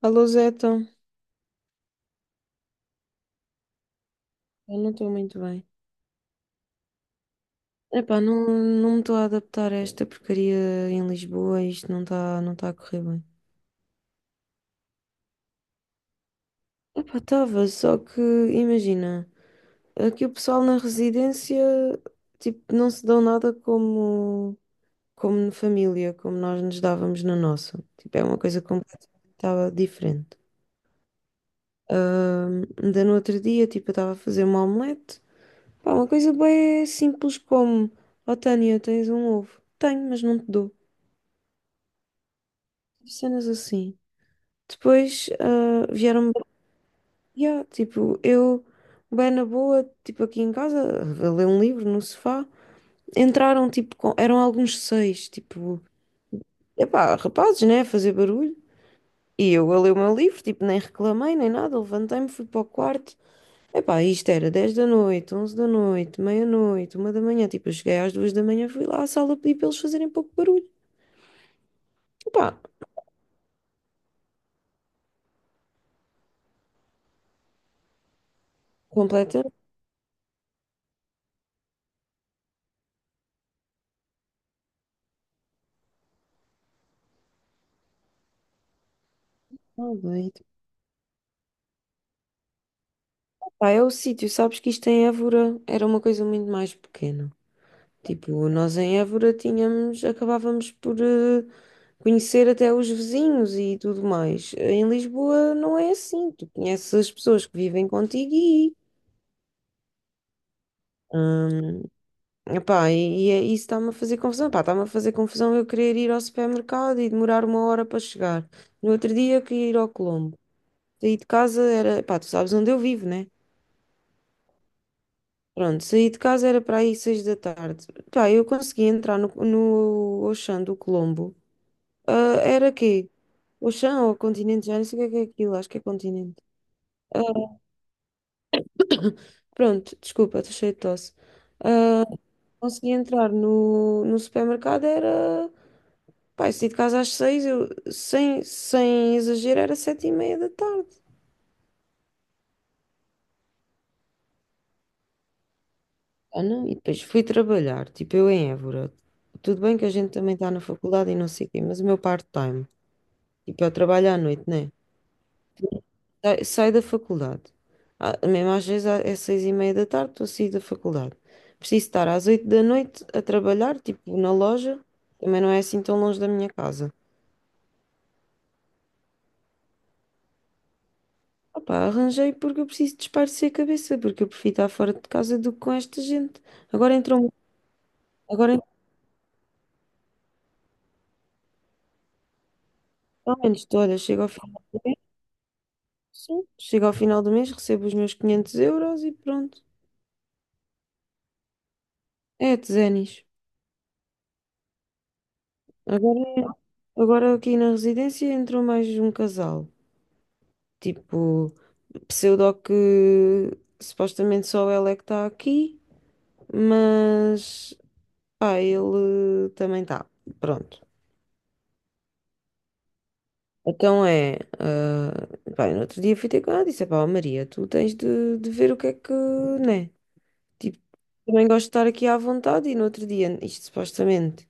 A Louseta, eu não estou muito bem. Epá, não, não me estou a adaptar a esta porcaria em Lisboa, isto não tá a correr bem. Epá, estava, só que imagina, aqui o pessoal na residência, tipo, não se dão nada como na família, como nós nos dávamos na nossa. Tipo, é uma coisa completamente tava diferente. Ainda no outro dia, tipo, eu estava a fazer uma omelete, pá, uma coisa bem simples como, ó Tânia, tens um ovo? Tenho, mas não te dou. Cenas assim. Depois vieram-me. Yeah, tipo, eu, bem na boa, tipo aqui em casa, a ler um livro no sofá. Entraram, tipo, eram alguns seis, tipo, epá, rapazes, né, a fazer barulho. E eu a ler o meu livro, tipo, nem reclamei, nem nada, levantei-me, fui para o quarto. Epá, isto era 10 da noite, 11 da noite, meia-noite, 1 da manhã. Tipo, eu cheguei às 2 da manhã, fui lá à sala pedir para eles fazerem pouco barulho. Epá, completamente. Pá, é o sítio, sabes que isto em Évora era uma coisa muito mais pequena. Tipo, nós em Évora tínhamos, acabávamos por conhecer até os vizinhos e tudo mais. Em Lisboa não é assim, tu conheces as pessoas que vivem contigo e, hum, epá, isso está-me a fazer confusão. Pá, está-me a fazer confusão eu querer ir ao supermercado e demorar uma hora para chegar. No outro dia eu queria ir ao Colombo. Saí de casa era, pá, tu sabes onde eu vivo, né? Pronto, saí de casa era para aí 6 da tarde. Pá, eu consegui entrar no Auchan do Colombo. Era quê? Auchan ou Continente? Já não sei o que é aquilo, acho que é Continente. Ah, pronto, desculpa, estou cheio de tosse. Ah, consegui entrar no supermercado, era... Pá, eu saí de casa às seis, eu, sem exagero, era sete e meia da tarde. Não? E depois fui trabalhar, tipo eu em Évora. Tudo bem que a gente também está na faculdade e não sei o quê, mas o meu part-time, tipo eu trabalho à noite, né? Saio da faculdade. Mesmo às vezes é seis e meia da tarde, estou a sair da faculdade. Preciso estar às 8 da noite a trabalhar, tipo na loja, também não é assim tão longe da minha casa. Opa, arranjei porque eu preciso desaparecer a cabeça, porque eu prefiro estar fora de casa do que com esta gente. Agora entrou, agora ao menos estou, olha, chego ao fim, sim, chego ao final do mês, recebo os meus 500 euros e pronto. É, de Zenis. Agora, agora aqui na residência entrou mais um casal. Tipo. Pseudo que supostamente só ela é que está aqui, mas pá, ele também está. Pronto. Então é, pá, no outro dia fui ter com ela e disse, pá, Maria, tu tens de ver o que é que, né? Tipo, também gosto de estar aqui à vontade e no outro dia, isto supostamente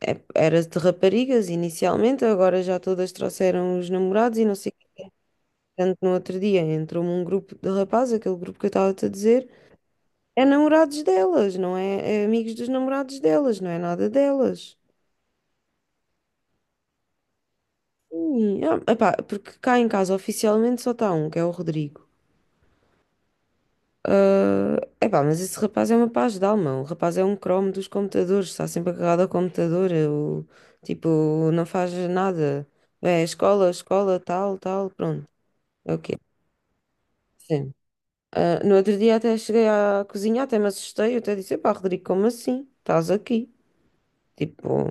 era de raparigas inicialmente, agora já todas trouxeram os namorados e não sei o que. Tanto no outro dia entrou-me um grupo de rapazes, aquele grupo que eu estava-te a dizer, é namorados delas, não é? É amigos dos namorados delas, não é nada delas. Sim, epá, porque cá em casa oficialmente só está um, que é o Rodrigo. Epá, mas esse rapaz é uma paz de alma. O rapaz é um cromo dos computadores, está sempre agarrado ao computador. Eu, tipo, não faz nada. É escola, escola, tal, tal, pronto. É o quê? Sim. No outro dia até cheguei à cozinha, até me assustei. Eu até disse: pá, Rodrigo, como assim? Estás aqui? Tipo.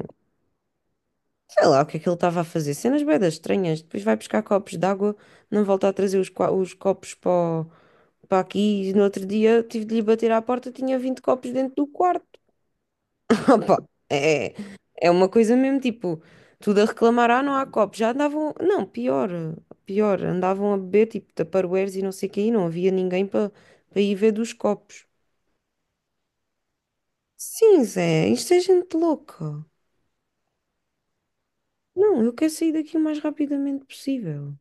Sei lá o que é que ele estava a fazer. Cenas buedas estranhas. Depois vai buscar copos de água, não volta a trazer os copos para aqui. E no outro dia tive de lhe bater à porta, tinha 20 copos dentro do quarto. Opa, é, é uma coisa mesmo, tipo, tudo a reclamar, não há copos. Já andavam, não, pior, pior, andavam a beber, tipo, Tupperwares e não sei o quê, e não havia ninguém para ir ver dos copos. Sim, Zé, isto é gente louca. Não, eu quero sair daqui o mais rapidamente possível.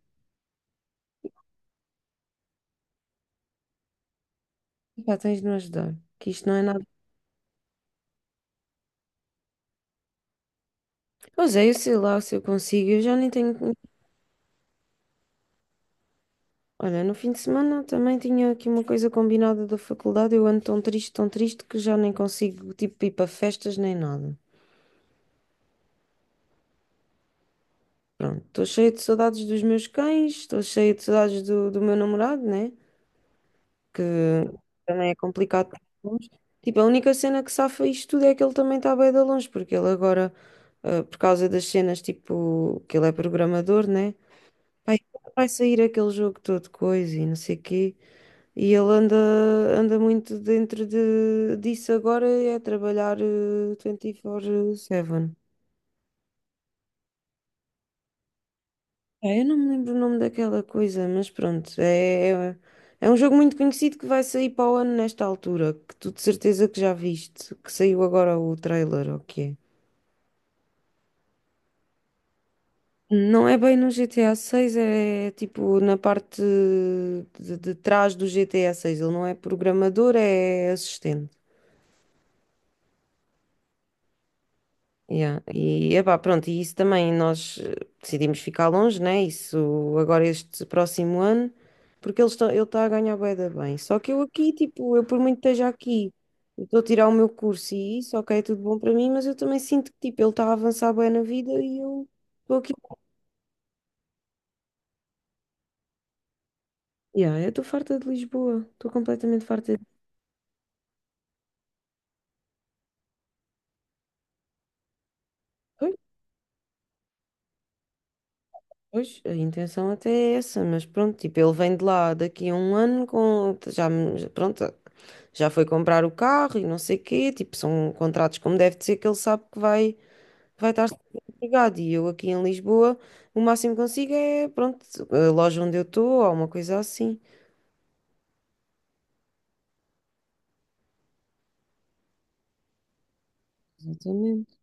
Pá, tens de me ajudar, que isto não é nada. Pois é, eu sei lá se eu consigo, eu já nem tenho. Olha, no fim de semana também tinha aqui uma coisa combinada da faculdade, eu ando tão triste que já nem consigo, tipo, ir para festas nem nada. Pronto, estou cheia de saudades dos meus cães, estou cheia de saudades do meu namorado, né? Que também é complicado estar longe. Tipo, a única cena que safa isto tudo é que ele também está bem de longe, porque ele agora, por causa das cenas, tipo, que ele é programador, né? Vai, vai sair aquele jogo todo coisa e não sei o quê. E ele anda muito dentro disso agora, é trabalhar 24/7. É, eu não me lembro o nome daquela coisa, mas pronto, é um jogo muito conhecido que vai sair para o ano nesta altura, que tu de certeza que já viste, que saiu agora o trailer, ou o que é. Não é bem no GTA 6, é tipo na parte de trás do GTA 6. Ele não é programador, é assistente. Yeah. E epá, pronto, e isso também nós decidimos ficar longe, né? Isso agora este próximo ano, porque ele está a ganhar bué da bem. Só que eu aqui, tipo, eu por muito que esteja aqui, eu estou a tirar o meu curso e isso, ok, é tudo bom para mim, mas eu também sinto que tipo, ele está a avançar bem na vida e eu estou aqui. Yeah, eu estou farta de Lisboa, estou completamente farta de. Pois, pois, a intenção até é essa, mas pronto, tipo, ele vem de lá daqui a um ano com já, pronto. Já foi comprar o carro e não sei quê, tipo, são contratos como deve de ser, que ele sabe que vai estar sempre empregado. E eu aqui em Lisboa, o máximo que consigo é, pronto, a loja onde eu estou ou uma coisa assim. Exatamente.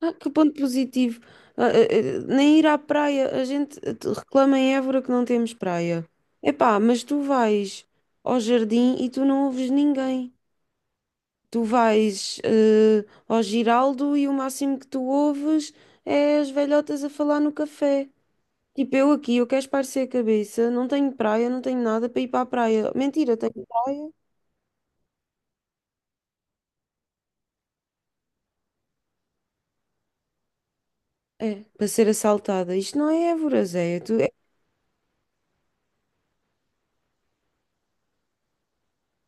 Que ponto positivo. Nem ir à praia, a gente reclama em Évora que não temos praia. Epá, mas tu vais ao jardim e tu não ouves ninguém. Tu vais ao Giraldo e o máximo que tu ouves é as velhotas a falar no café. Tipo, eu aqui, eu quero espairecer a cabeça, não tenho praia, não tenho nada para ir para a praia. Mentira, tenho... É, para ser assaltada. Isto não é Évora, Zé. Tu.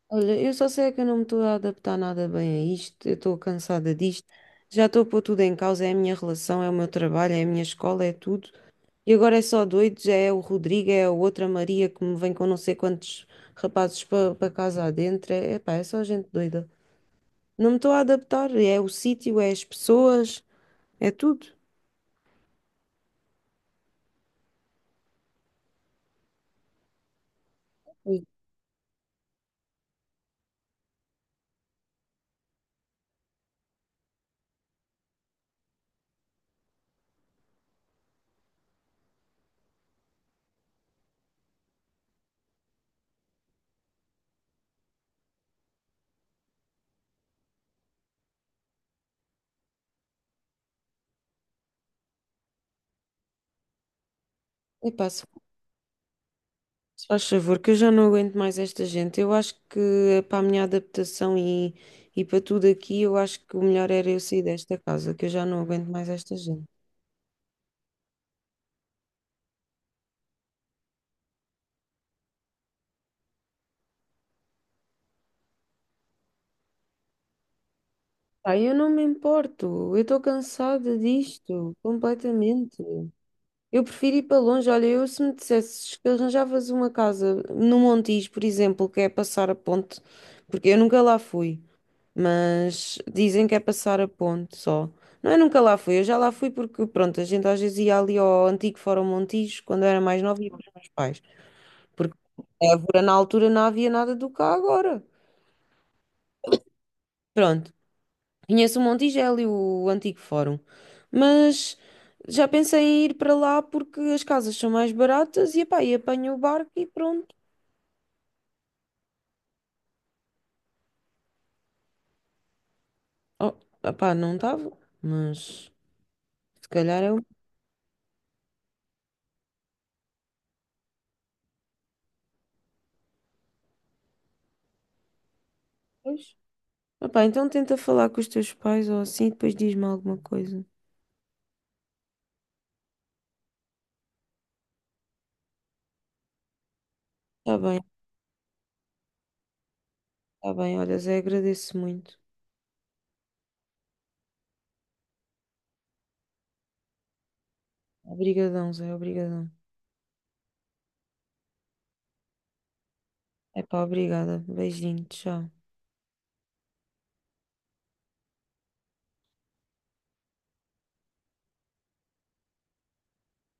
Olha, eu só sei é que eu não me estou a adaptar nada bem a isto, eu estou cansada disto, já estou a pôr tudo em causa, é a minha relação, é o meu trabalho, é a minha escola, é tudo. E agora é só doidos, é o Rodrigo, é a outra Maria que me vem com não sei quantos rapazes para casa adentro. É, epá, é só gente doida. Não me estou a adaptar, é o sítio, é as pessoas, é tudo. Ui, epá, se faz favor, que eu já não aguento mais esta gente. Eu acho que é para a minha adaptação e para tudo aqui, eu acho que o melhor era eu sair desta casa, que eu já não aguento mais esta gente. Pá, eu não me importo, eu estou cansada disto, completamente. Eu prefiro ir para longe. Olha, eu se me dissesses que arranjavas uma casa no Montijo, por exemplo, que é passar a ponte, porque eu nunca lá fui. Mas dizem que é passar a ponte só. Não, eu nunca lá fui, eu já lá fui porque, pronto, a gente às vezes ia ali ao antigo Fórum Montijo, quando eu era mais nova, ia com os meus pais. Porque em Évora, na altura, não havia nada do que há agora. Pronto, conheço o Montijo, é ali o antigo Fórum. Mas já pensei em ir para lá porque as casas são mais baratas e, epá, e apanho o barco e pronto. Oh, epá, não estava, mas se calhar é um. Opá, então tenta falar com os teus pais ou assim, depois diz-me alguma coisa. Tá bem, tá bem. Olha, Zé, agradeço muito. Obrigadão, Zé, obrigadão. É pá, obrigada. Beijinho, tchau.